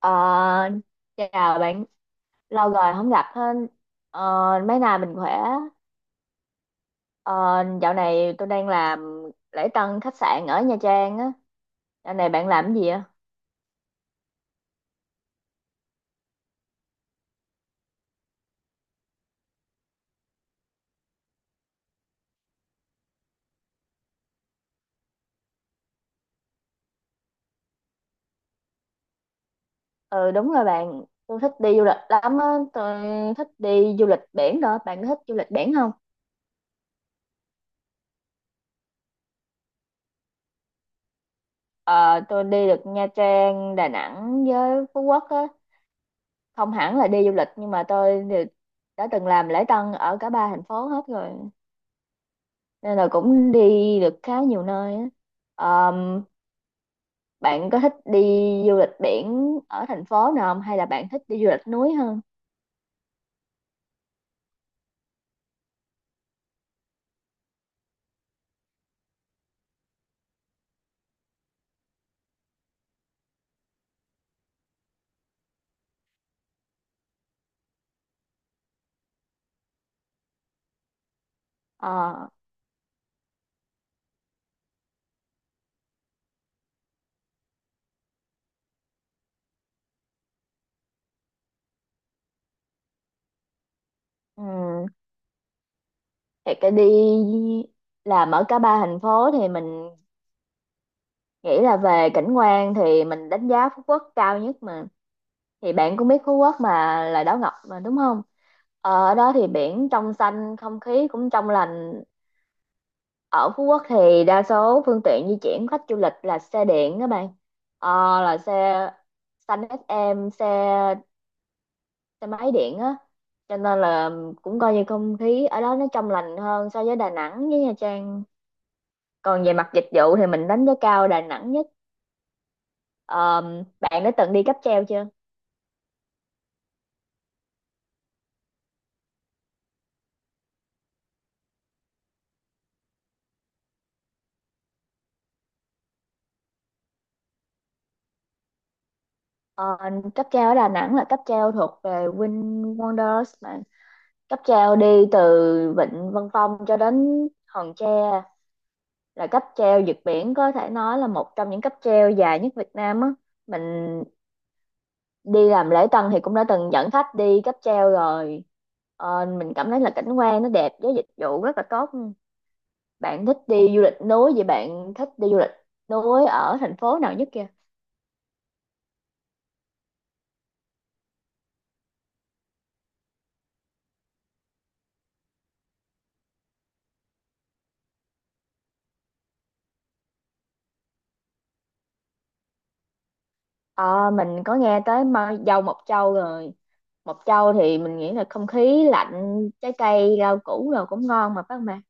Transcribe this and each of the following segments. Ờ, Chào bạn, lâu rồi không gặp hơn. Ờ, Mấy nay mình khỏe. Ờ, Dạo này tôi đang làm lễ tân khách sạn ở Nha Trang á. Dạo này bạn làm cái gì ạ? Ừ đúng rồi bạn, tôi thích đi du lịch lắm á. Tôi thích đi du lịch biển đó. Bạn có thích du lịch biển không? Ờ, tôi đi được Nha Trang, Đà Nẵng với Phú Quốc á. Không hẳn là đi du lịch nhưng mà tôi thì đã từng làm lễ tân ở cả ba thành phố hết rồi. Nên là cũng đi được khá nhiều nơi á. Ờ, Bạn có thích đi du lịch biển ở thành phố nào không hay là bạn thích đi du lịch núi hơn? Ờ, ừm, thì cái đi làm ở cả ba thành phố thì mình nghĩ là về cảnh quan thì mình đánh giá Phú Quốc cao nhất mà. Thì bạn cũng biết Phú Quốc mà là đảo ngọc mà đúng không? Ở đó thì biển trong xanh, không khí cũng trong lành. Ở Phú Quốc thì đa số phương tiện di chuyển khách du lịch là xe điện các bạn. Là xe xanh SM, xe xe máy điện á, cho nên là cũng coi như không khí ở đó nó trong lành hơn so với Đà Nẵng với Nha Trang. Còn về mặt dịch vụ thì mình đánh giá cao Đà Nẵng nhất. Ờ, Bạn đã từng đi cáp treo chưa? Ờ, Cáp treo ở Đà Nẵng là cáp treo thuộc về Win Wonders mà cáp treo đi từ Vịnh Vân Phong cho đến Hòn Tre, là cáp treo vượt biển, có thể nói là một trong những cáp treo dài nhất Việt Nam á. Mình đi làm lễ tân thì cũng đã từng dẫn khách đi cáp treo rồi. Mình cảm thấy là cảnh quan nó đẹp với dịch vụ rất là tốt. Bạn thích đi du lịch núi, vậy bạn thích đi du lịch núi ở thành phố nào nhất kia? Ờ, mình có nghe tới dâu Mộc Châu rồi. Mộc Châu thì mình nghĩ là không khí lạnh, trái cây rau củ rồi cũng ngon mà phải không bạn?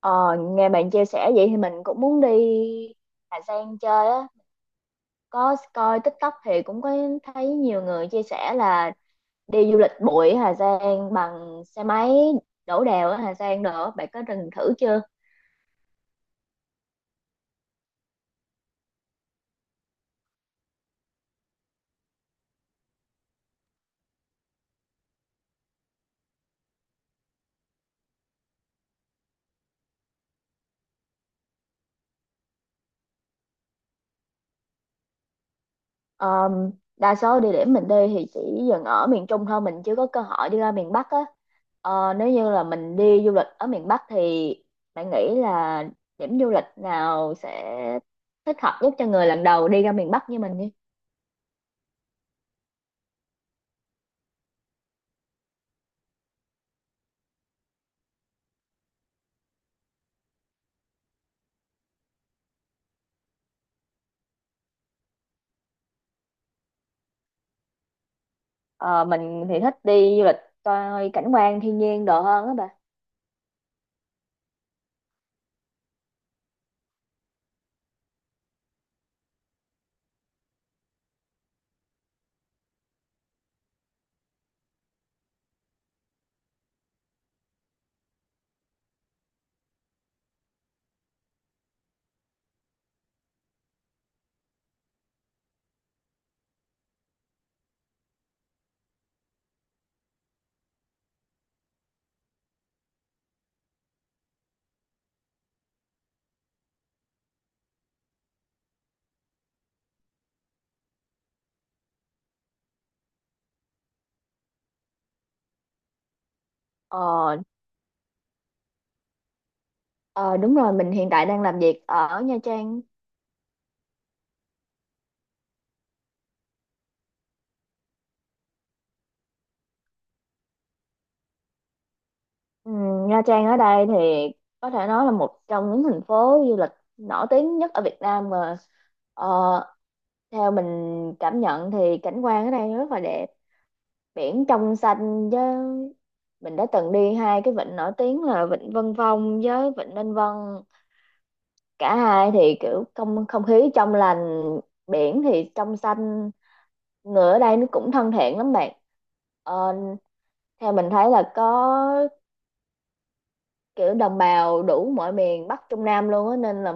Ờ, Nghe bạn chia sẻ vậy thì mình cũng muốn đi Hà Giang chơi á. Có coi TikTok thì cũng có thấy nhiều người chia sẻ là đi du lịch bụi Hà Giang bằng xe máy, đổ đèo ở Hà Giang nữa. Bạn có từng thử chưa? Ờm, Đa số địa điểm mình đi thì chỉ dừng ở miền Trung thôi, mình chưa có cơ hội đi ra miền Bắc á. Nếu như là mình đi du lịch ở miền Bắc thì bạn nghĩ là điểm du lịch nào sẽ thích hợp nhất cho người lần đầu đi ra miền Bắc như mình đi? Ờ, mình thì thích đi du lịch coi cảnh quan thiên nhiên đồ hơn á bà. Ờ, ờ, Đúng rồi, mình hiện tại đang làm việc ở Nha Trang. Ừ, Nha Trang ở đây thì có thể nói là một trong những thành phố du lịch nổi tiếng nhất ở Việt Nam mà. ờ, Theo mình cảm nhận thì cảnh quan ở đây rất là đẹp, biển trong xanh. Với mình đã từng đi hai cái vịnh nổi tiếng là vịnh Vân Phong với vịnh Ninh Vân, cả hai thì kiểu không không khí trong lành, biển thì trong xanh. Người ở đây nó cũng thân thiện lắm bạn. Ờ, Theo mình thấy là có kiểu đồng bào đủ mọi miền Bắc Trung Nam luôn á, nên là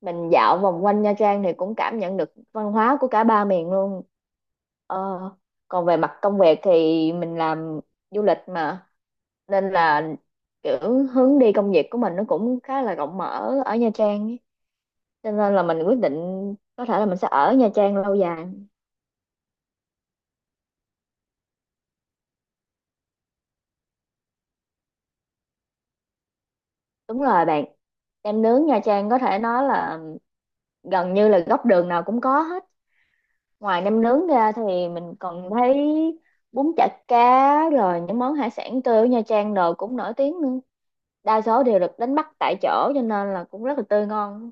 mình dạo vòng quanh Nha Trang thì cũng cảm nhận được văn hóa của cả ba miền luôn. ờ, Còn về mặt công việc thì mình làm du lịch mà, nên là kiểu hướng đi công việc của mình nó cũng khá là rộng mở ở Nha Trang ấy. Cho nên là mình quyết định có thể là mình sẽ ở Nha Trang lâu dài. Đúng rồi bạn, nem nướng Nha Trang có thể nói là gần như là góc đường nào cũng có hết. Ngoài nem nướng ra thì mình còn thấy bún chả cá rồi những món hải sản tươi ở Nha Trang đồ cũng nổi tiếng nữa. Đa số đều được đánh bắt tại chỗ cho nên là cũng rất là tươi ngon.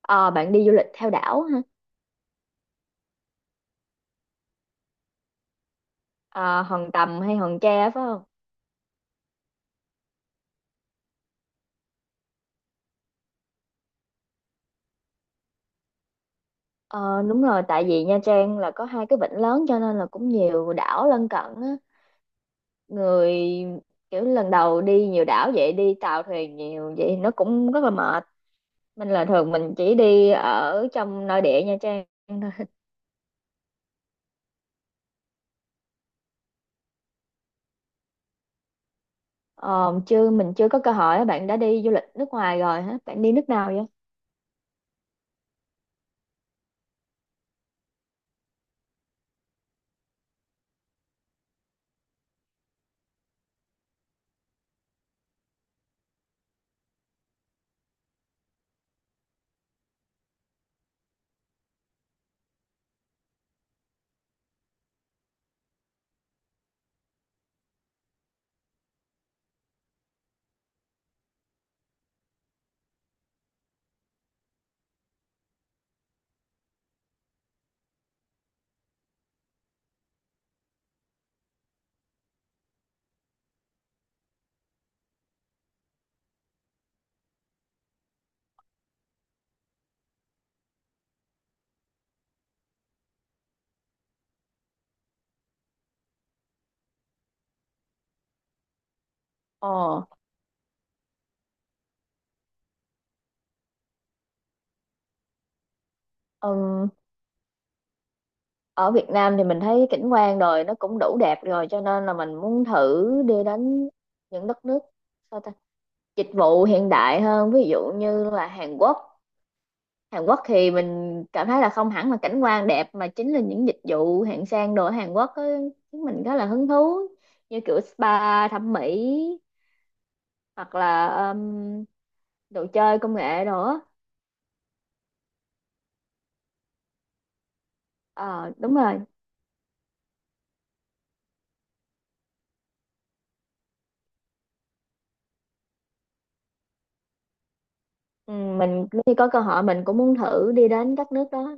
Ờ, Bạn đi du lịch theo đảo ha? Ờ, Hòn Tầm hay Hòn Tre phải không? Ờ, Đúng rồi, tại vì Nha Trang là có hai cái vịnh lớn cho nên là cũng nhiều đảo lân cận á. Người kiểu lần đầu đi nhiều đảo vậy, đi tàu thuyền nhiều vậy nó cũng rất là mệt. Mình là thường mình chỉ đi ở trong nội địa Nha Trang. Ờ, Chứ mình chưa có cơ hội á. Bạn đã đi du lịch nước ngoài rồi hả? Bạn đi nước nào vậy? Ờ, ừm, Ở Việt Nam thì mình thấy cảnh quan rồi nó cũng đủ đẹp rồi cho nên là mình muốn thử đi đến những đất nước sao ta? Dịch vụ hiện đại hơn ví dụ như là Hàn Quốc. Hàn Quốc thì mình cảm thấy là không hẳn là cảnh quan đẹp mà chính là những dịch vụ hạng sang đồ ở Hàn Quốc á, khiến mình rất là hứng thú, như kiểu spa thẩm mỹ hoặc là đồ chơi công nghệ đồ á. Ờ đúng rồi. Ừ, mình nếu như có cơ hội mình cũng muốn thử đi đến các nước đó.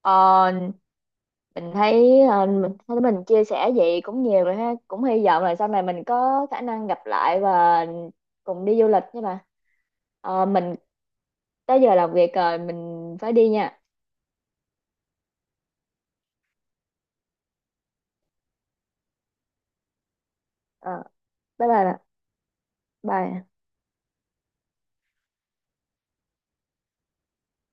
ờ, mình thấy mình thấy mình chia sẻ vậy cũng nhiều rồi ha, cũng hy vọng là sau này mình có khả năng gặp lại và cùng đi du lịch nha bà. Mình tới giờ làm việc rồi, mình phải đi nha. ờ, Bye bye bà. Bye.